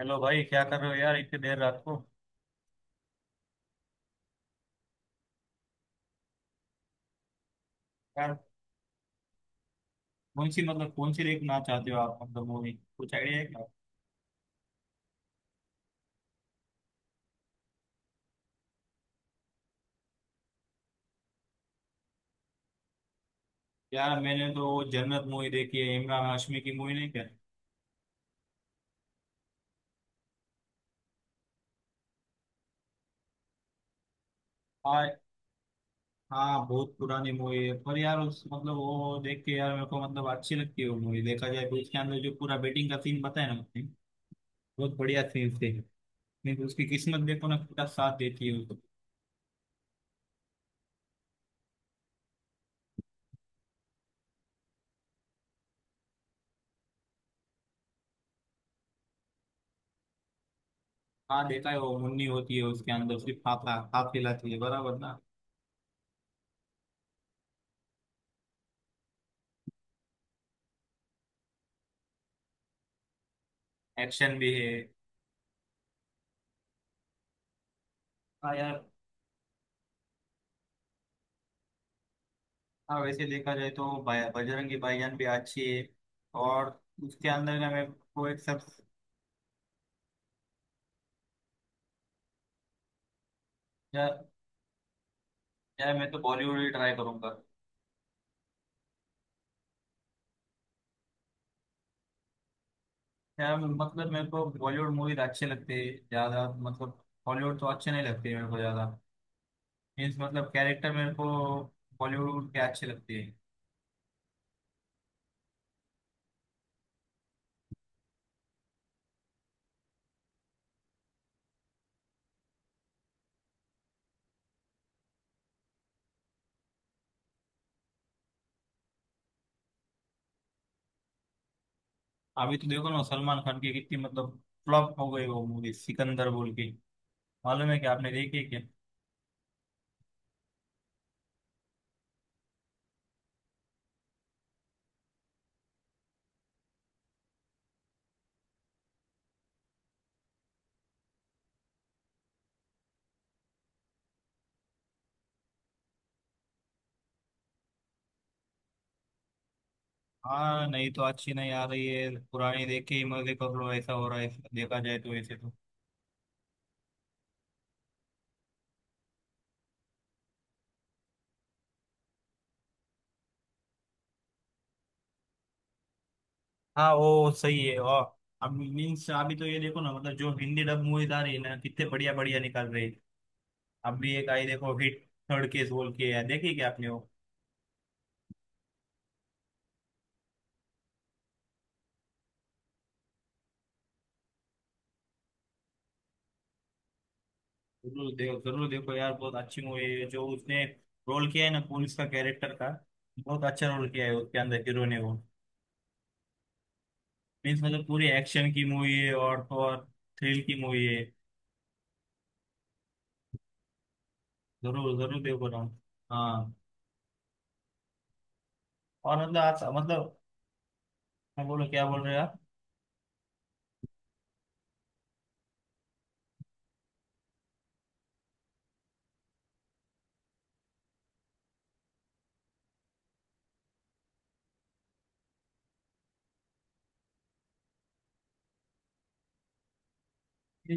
Hello भाई, क्या कर रहे हो यार, इतनी देर रात को। यार कौन सी, मतलब कौन सी देखना चाहते हो आप, मतलब मूवी कुछ आइडिया है क्या? यार मैंने तो वो जन्नत मूवी देखी है, इमरान हाशमी की, मूवी नहीं क्या? हाँ। हाँ बहुत पुरानी मूवी है पर यार उस मतलब वो देख के यार मेरे को मतलब अच्छी लगती है वो मूवी। देखा जाए तो उसके अंदर जो पूरा बेटिंग का सीन बताया ना उसने, बहुत बढ़िया सीन थे। नहीं तो उसकी किस्मत देखो ना, पूरा साथ देती है उसको। हाँ देखा है, वो मुन्नी होती है उसके अंदर, सिर्फ हाथ हाथ हिलाती है बराबर ना। एक्शन भी है। हाँ यार। हाँ वैसे देखा जाए तो बजरंगी भाईजान भी अच्छी है। और उसके अंदर का मेरे को एक सब। यार यार मैं तो बॉलीवुड ही ट्राई करूंगा। यार मतलब मेरे को बॉलीवुड मूवीज अच्छे लगते हैं ज्यादा, मतलब हॉलीवुड तो अच्छे नहीं लगते मेरे को ज्यादा। मीन्स मतलब कैरेक्टर मेरे को बॉलीवुड के अच्छे लगते हैं। अभी तो देखो ना, सलमान खान की कितनी मतलब फ्लॉप हो गई वो मूवी सिकंदर बोल के। मालूम है क्या, आपने देखी है क्या? हाँ। नहीं तो अच्छी नहीं आ रही है, पुरानी देख के ही मजे कर लो, ऐसा हो रहा है। देखा जाए तो ऐसे तो। हाँ वो सही है। और अब मीन्स अभी तो ये देखो ना मतलब जो हिंदी डब मूवीज आ रही है ना, कितने बढ़िया बढ़िया निकाल रही है। अभी एक आई देखो, हिट थर्ड केस बोल के, यार देखी क्या आपने वो? जरूर देखो यार, बहुत अच्छी मूवी है। जो उसने रोल किया है ना पुलिस का कैरेक्टर का, बहुत अच्छा रोल किया है उसके अंदर हीरो ने वो। मीन्स मतलब पूरी एक्शन की मूवी है, और तो और थ्रिल की मूवी है। जरूर जरूर देखो ना। हाँ। और मतलब आज मतलब मैं बोलो, क्या बोल रहे हो आप?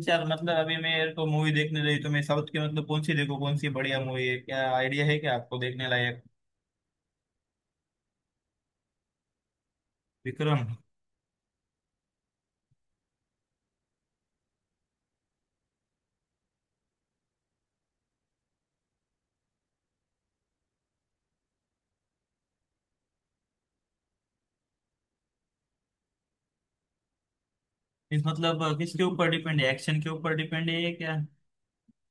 यार मतलब अभी मैं तो मूवी देखने रही तो मैं साउथ की, मतलब कौन सी देखो कौन सी बढ़िया मूवी है, क्या आइडिया है क्या आपको देखने लायक? विक्रम? इस मतलब किसके ऊपर डिपेंड है, एक्शन के ऊपर डिपेंड है क्या?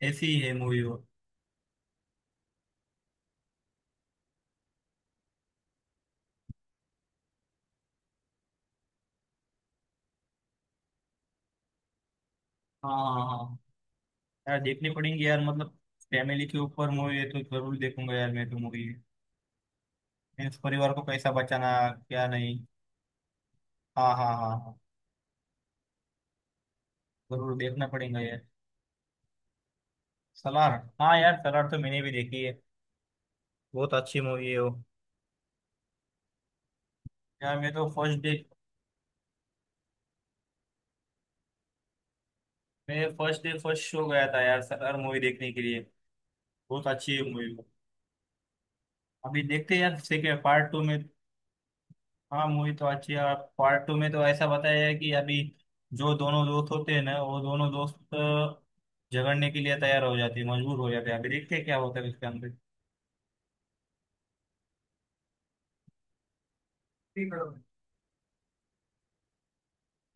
ऐसी ही है मूवी वो? हाँ हाँ हाँ। यार देखनी पड़ेंगी यार, मतलब फैमिली के ऊपर मूवी है तो जरूर देखूंगा यार मैं तो मूवी। मीन्स परिवार को कैसा बचाना। क्या नहीं। हाँ हाँ हाँ हाँ। जरूर देखना पड़ेगा यार। सलार। हाँ यार सलार तो मैंने भी देखी है, बहुत अच्छी मूवी है वो। यार मैं तो फर्स्ट डे, मैं फर्स्ट डे फर्स्ट शो गया था यार सरदार मूवी देखने के लिए। बहुत अच्छी है मूवी। अभी देखते हैं यार सेकेंड पार्ट टू में। हाँ मूवी तो अच्छी है और पार्ट टू में तो ऐसा बताया है कि अभी जो दोनों दोस्त होते हैं ना, वो दोनों दोस्त झगड़ने के लिए तैयार हो जाते हैं, मजबूर हो जाते हैं। अभी देखते हैं क्या होता है इसके अंदर। ठीक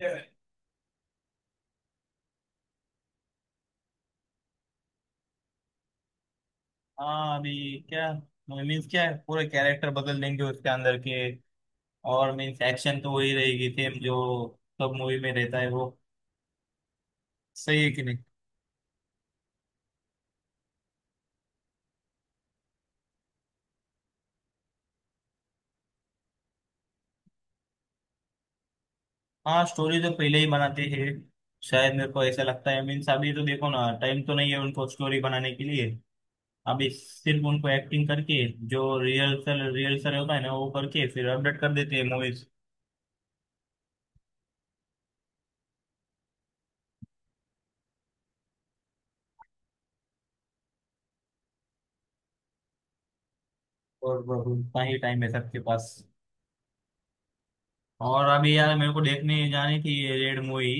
है। हाँ अभी क्या मीन्स क्या है, पूरे कैरेक्टर बदल देंगे उसके अंदर के। और मीन्स एक्शन तो वही रहेगी सेम, जो सब मूवी में रहता है वो। सही है कि नहीं? हाँ स्टोरी तो पहले ही बनाते हैं शायद, मेरे को ऐसा लगता है। मीन्स अभी तो देखो ना, टाइम तो नहीं है उनको स्टोरी बनाने के लिए। अभी सिर्फ उनको एक्टिंग करके, जो रिहर्सल रिहर्सल होता है ना वो करके फिर अपडेट कर देते हैं मूवीज। और बस उतना ही टाइम है सबके पास। और अभी यार मेरे को देखने जानी थी रेड मूवी।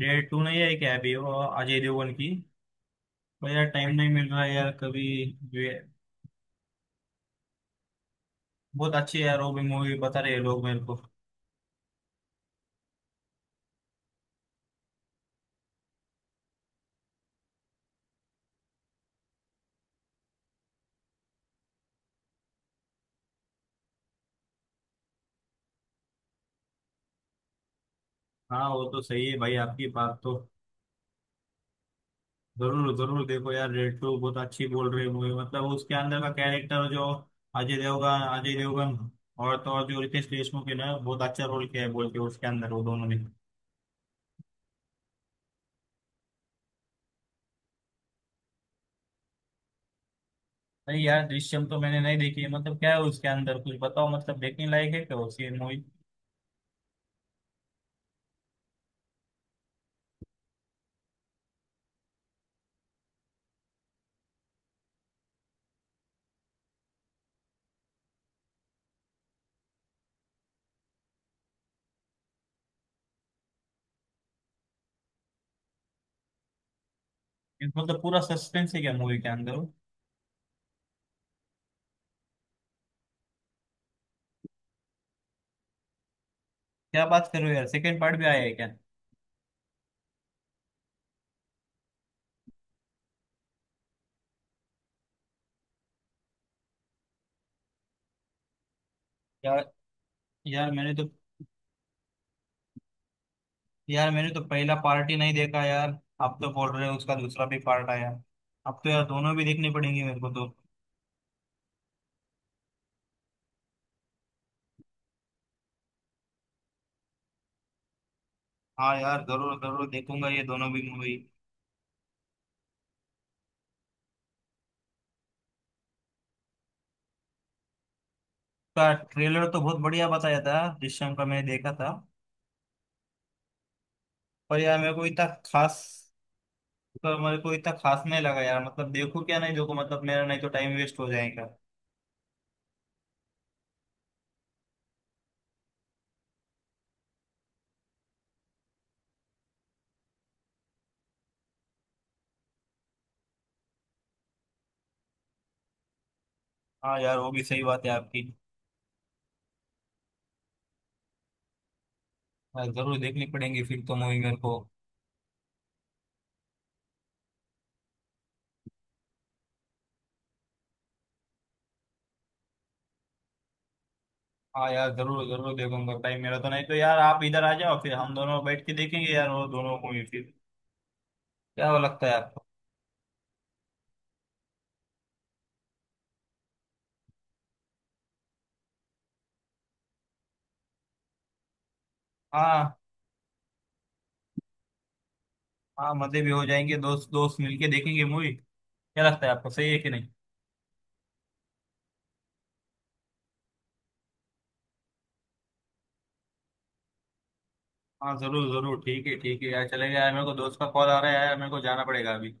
रेड टू नहीं है क्या अभी वो, अजय देवगन की? पर यार टाइम नहीं मिल रहा है यार कभी। ये- बहुत अच्छी है यार वो भी मूवी, बता रहे हैं लोग मेरे को। हाँ वो तो सही है भाई आपकी बात तो। जरूर जरूर देखो यार, रेड टू बहुत अच्छी बोल रही मूवी, मतलब उसके अंदर का कैरेक्टर जो अजय देवगन, और तो और जो रितेश देशमुख है ना, बहुत अच्छा रोल किया है बोल के उसके अंदर वो दोनों ने। नहीं यार दृश्यम तो मैंने नहीं देखी है, मतलब क्या है उसके अंदर कुछ बताओ, मतलब देखने लायक है क्या उसकी मूवी? मतलब पूरा सस्पेंस है क्या मूवी के अंदर? क्या बात कर रहे हो यार, सेकंड पार्ट भी आया है क्या? यार यार मैंने तो यार मैंने तो पहला पार्ट ही नहीं देखा यार, आप तो बोल रहे हो उसका दूसरा भी पार्ट आया। अब तो यार दोनों भी देखने पड़ेंगे मेरे को तो। हाँ यार जरूर जरूर देखूंगा ये दोनों भी मूवी का ट्रेलर तो बहुत बढ़िया बताया था जिस टाइम पर मैंने देखा था। पर यार मेरे को इतना खास, पर मेरे को इतना खास नहीं लगा यार, मतलब देखो क्या नहीं देखो, मतलब मेरा नहीं तो टाइम वेस्ट हो जाएगा। हाँ यार वो भी सही बात है आपकी। यार जरूर देखनी पड़ेगी फिर तो मूवी मेरे को। हाँ यार जरूर जरूर देखूंगा टाइम मेरा, तो नहीं तो यार आप इधर आ जाओ फिर हम दोनों बैठ के देखेंगे यार वो दोनों मूवी फिर। क्या वो लगता है आपको? हाँ। हाँ मजे भी हो जाएंगे, दोस्त दोस्त मिलके देखेंगे मूवी। क्या लगता है आपको, सही है कि नहीं? हाँ जरूर जरूर, ठीक है यार, चलेगा यार। मेरे को दोस्त का कॉल आ रहा है यार, मेरे को जाना पड़ेगा अभी।